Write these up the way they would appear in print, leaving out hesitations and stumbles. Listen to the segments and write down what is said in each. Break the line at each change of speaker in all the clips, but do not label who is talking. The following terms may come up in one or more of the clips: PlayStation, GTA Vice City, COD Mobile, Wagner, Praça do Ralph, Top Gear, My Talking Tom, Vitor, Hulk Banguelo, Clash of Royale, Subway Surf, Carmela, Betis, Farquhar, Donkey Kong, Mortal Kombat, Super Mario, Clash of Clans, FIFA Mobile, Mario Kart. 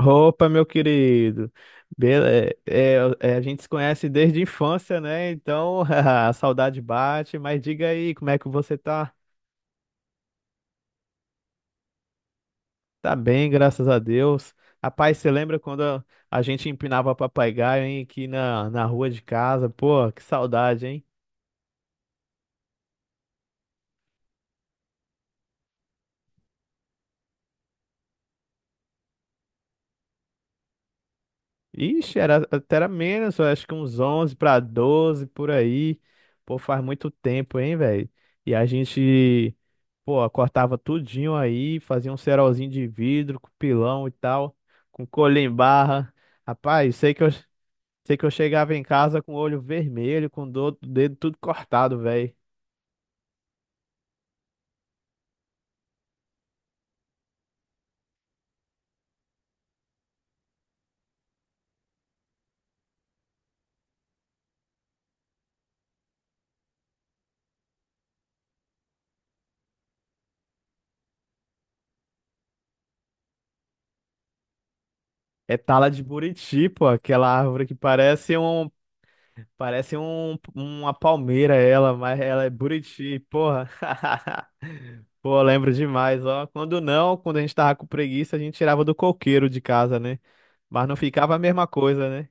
Opa, meu querido. Bele... É, é, é, a gente se conhece desde a infância, né? Então, a saudade bate, mas diga aí, como é que você tá? Tá bem, graças a Deus. Rapaz, você lembra quando a gente empinava papagaio, hein, aqui na rua de casa? Pô, que saudade, hein? Ixi, até era menos, eu acho que uns 11 para 12 por aí. Pô, faz muito tempo, hein, velho? E a gente, pô, cortava tudinho aí, fazia um cerolzinho de vidro com pilão e tal, com colher em barra. Rapaz, sei que eu chegava em casa com o olho vermelho, com o dedo tudo cortado, velho. É tala de buriti, pô, aquela árvore que parece uma palmeira ela, mas ela é buriti, porra. Pô, eu lembro demais, ó. Quando não, quando a gente tava com preguiça, a gente tirava do coqueiro de casa, né? Mas não ficava a mesma coisa, né?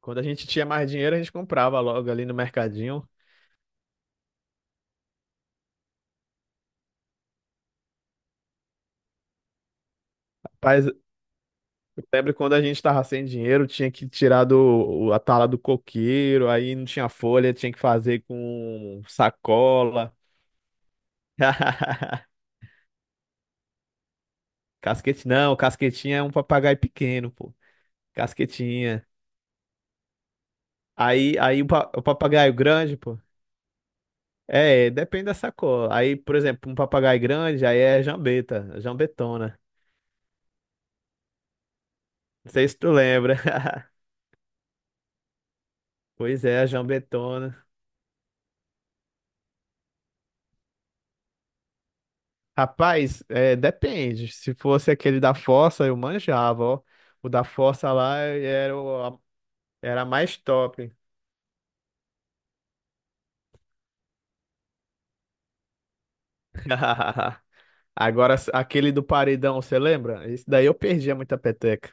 Quando a gente tinha mais dinheiro, a gente comprava logo ali no mercadinho. Rapaz, eu lembro quando a gente tava sem dinheiro, tinha que tirar a tala do coqueiro, aí não tinha folha, tinha que fazer com sacola. Casquete, não, casquetinha é um papagaio pequeno, pô. Casquetinha. Aí o papagaio grande, pô. É, depende da sacola. Aí, por exemplo, um papagaio grande, aí é jambeta, jambetona. Não sei se tu lembra. Pois é, a jambetona. Rapaz, é, depende. Se fosse aquele da fossa, eu manjava, ó. O da fossa lá era mais top. Agora, aquele do paredão, você lembra? Esse daí eu perdia muita peteca.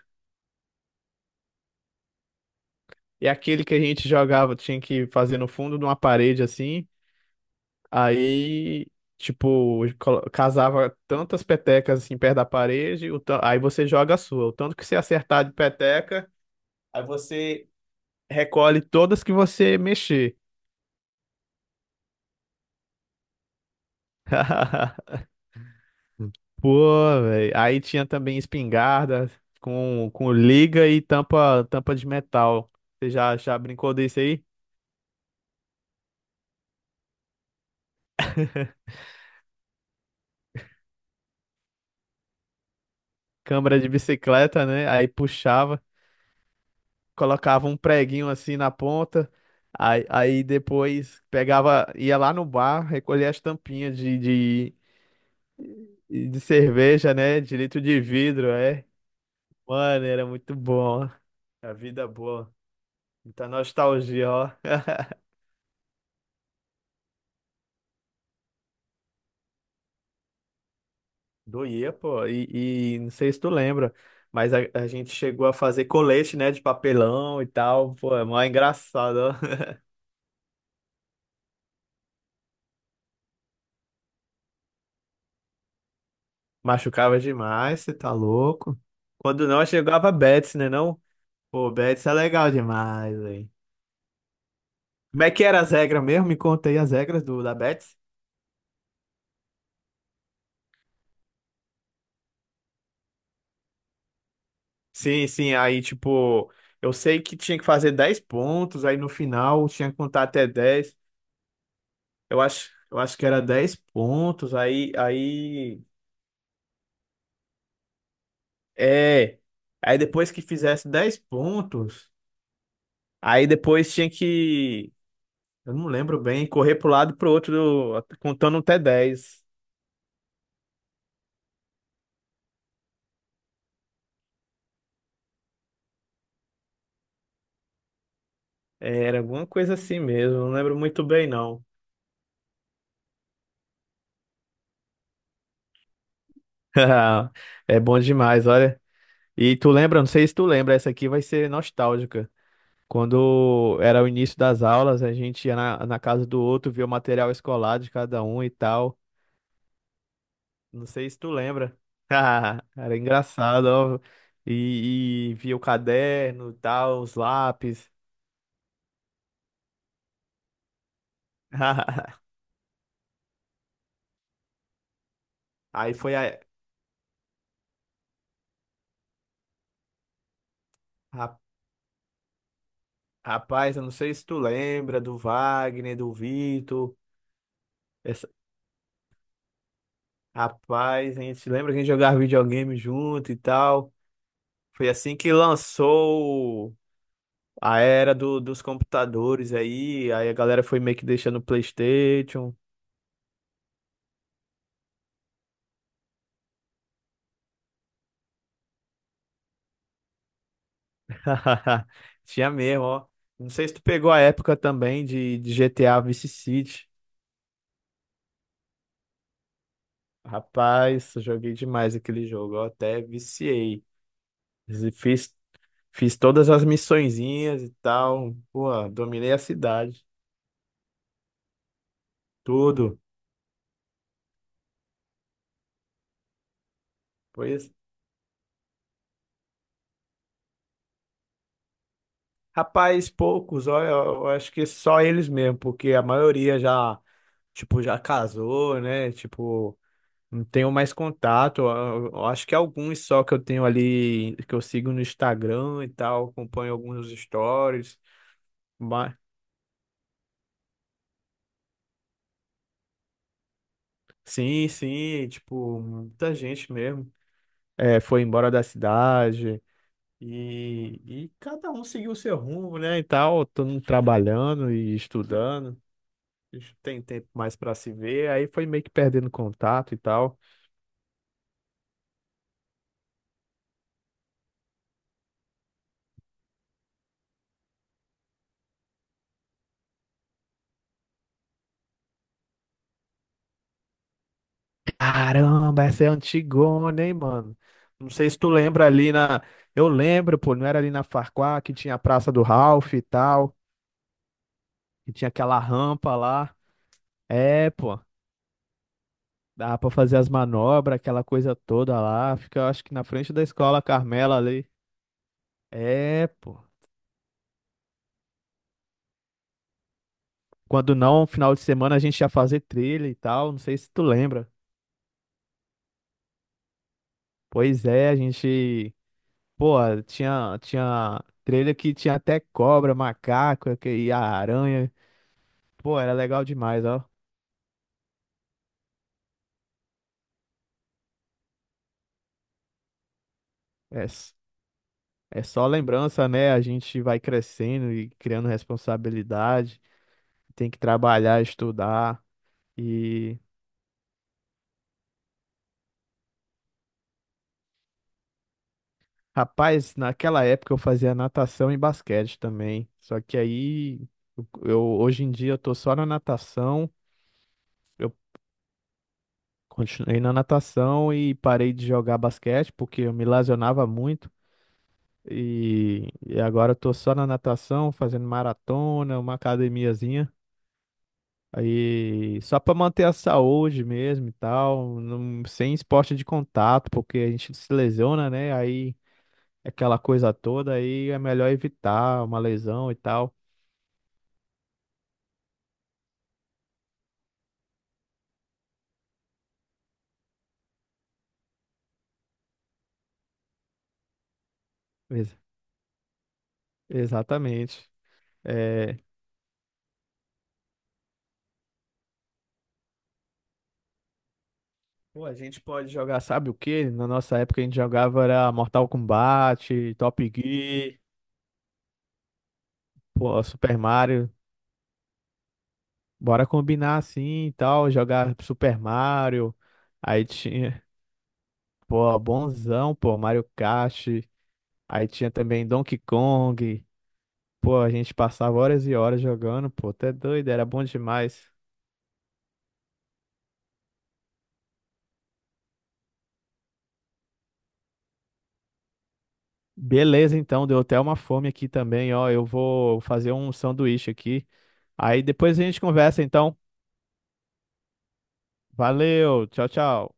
E aquele que a gente jogava, tinha que fazer no fundo de uma parede assim. Aí, tipo, casava tantas petecas assim perto da parede, aí você joga a sua. O tanto que você acertar de peteca, aí você recolhe todas que você mexer. Pô, velho. Aí tinha também espingarda com liga e tampa, tampa de metal. Você já brincou desse aí? Câmara de bicicleta, né? Aí puxava. Colocava um preguinho assim na ponta, aí depois pegava, ia lá no bar, recolhia as tampinhas de cerveja, né? De litro de vidro, é. Mano, era muito bom, ó. A vida boa. Muita nostalgia, ó. Doía, pô. E não sei se tu lembra, mas a gente chegou a fazer colete, né? De papelão e tal. Pô, é mó engraçado, ó. Machucava demais, você tá louco. Quando não, chegava Betis, né? Não? Pô, Betis é legal demais, velho. Como é que era as regras mesmo? Me conta aí as regras da Betis. Sim, sim, aí tipo, eu sei que tinha que fazer 10 pontos, aí no final tinha que contar até 10. Eu acho que era 10 pontos, é, aí depois que fizesse 10 pontos, aí depois tinha que, eu não lembro bem, correr pro lado e pro outro contando até 10. Era alguma coisa assim mesmo, não lembro muito bem não. É bom demais, olha. E tu lembra, não sei se tu lembra, essa aqui vai ser nostálgica. Quando era o início das aulas, a gente ia na casa do outro, via o material escolar de cada um e tal. Não sei se tu lembra. Era engraçado, ó. E via o caderno, e tal, os lápis. Aí foi a, ra- rapaz, eu não sei se tu lembra do Wagner, do Vitor. Essa, rapaz, a gente lembra que a gente jogava videogame junto e tal. Foi assim que lançou a era dos computadores aí a galera foi meio que deixando o PlayStation. Tinha mesmo, ó. Não sei se tu pegou a época também de GTA Vice City. Rapaz, eu joguei demais aquele jogo, eu até viciei. Fiz, fiz todas as missõezinhas e tal. Pô, dominei a cidade, tudo. Pois, rapaz, poucos, ó, eu acho que só eles mesmo, porque a maioria já tipo, já casou, né? Tipo, não tenho mais contato. Eu acho que alguns só que eu tenho ali, que eu sigo no Instagram e tal, acompanho alguns stories. Mas, sim, sim, tipo, muita gente mesmo. É, foi embora da cidade e, e cada um seguiu o seu rumo, né? E tal, todo mundo trabalhando e estudando. Tem tempo mais para se ver, aí foi meio que perdendo contato e tal. Caramba, essa é antigona, hein, mano? Não sei se tu lembra ali na. Eu lembro, pô, não era ali na Farquhar que tinha a Praça do Ralph e tal, que tinha aquela rampa lá. É, pô, dava pra fazer as manobras, aquela coisa toda lá. Fica, eu acho que na frente da escola Carmela ali. É, pô. Quando não, final de semana a gente ia fazer trilha e tal, não sei se tu lembra. Pois é, a gente. Pô, tinha trilha que tinha até cobra, macaco e a aranha. Pô, era legal demais, ó. É, s- é só lembrança, né? A gente vai crescendo e criando responsabilidade, tem que trabalhar, estudar. E, rapaz, naquela época eu fazia natação e basquete também. Só que aí, hoje em dia eu tô só na natação. Eu continuei na natação e parei de jogar basquete porque eu me lesionava muito. E agora eu tô só na natação, fazendo maratona, uma academiazinha. Aí, só pra manter a saúde mesmo e tal, sem esporte de contato, porque a gente se lesiona, né? Aí, aquela coisa toda, aí é melhor evitar uma lesão e tal. Ex- exatamente. É, pô, a gente pode jogar, sabe o quê? Na nossa época a gente jogava era Mortal Kombat, Top Gear, pô, Super Mario. Bora combinar assim e tal, jogar Super Mario. Aí tinha, pô, bonzão, pô, Mario Kart. Aí tinha também Donkey Kong. Pô, a gente passava horas e horas jogando, pô, até doido, era bom demais. Beleza, então, deu até uma fome aqui também, ó. Eu vou fazer um sanduíche aqui. Aí depois a gente conversa, então. Valeu, tchau, tchau.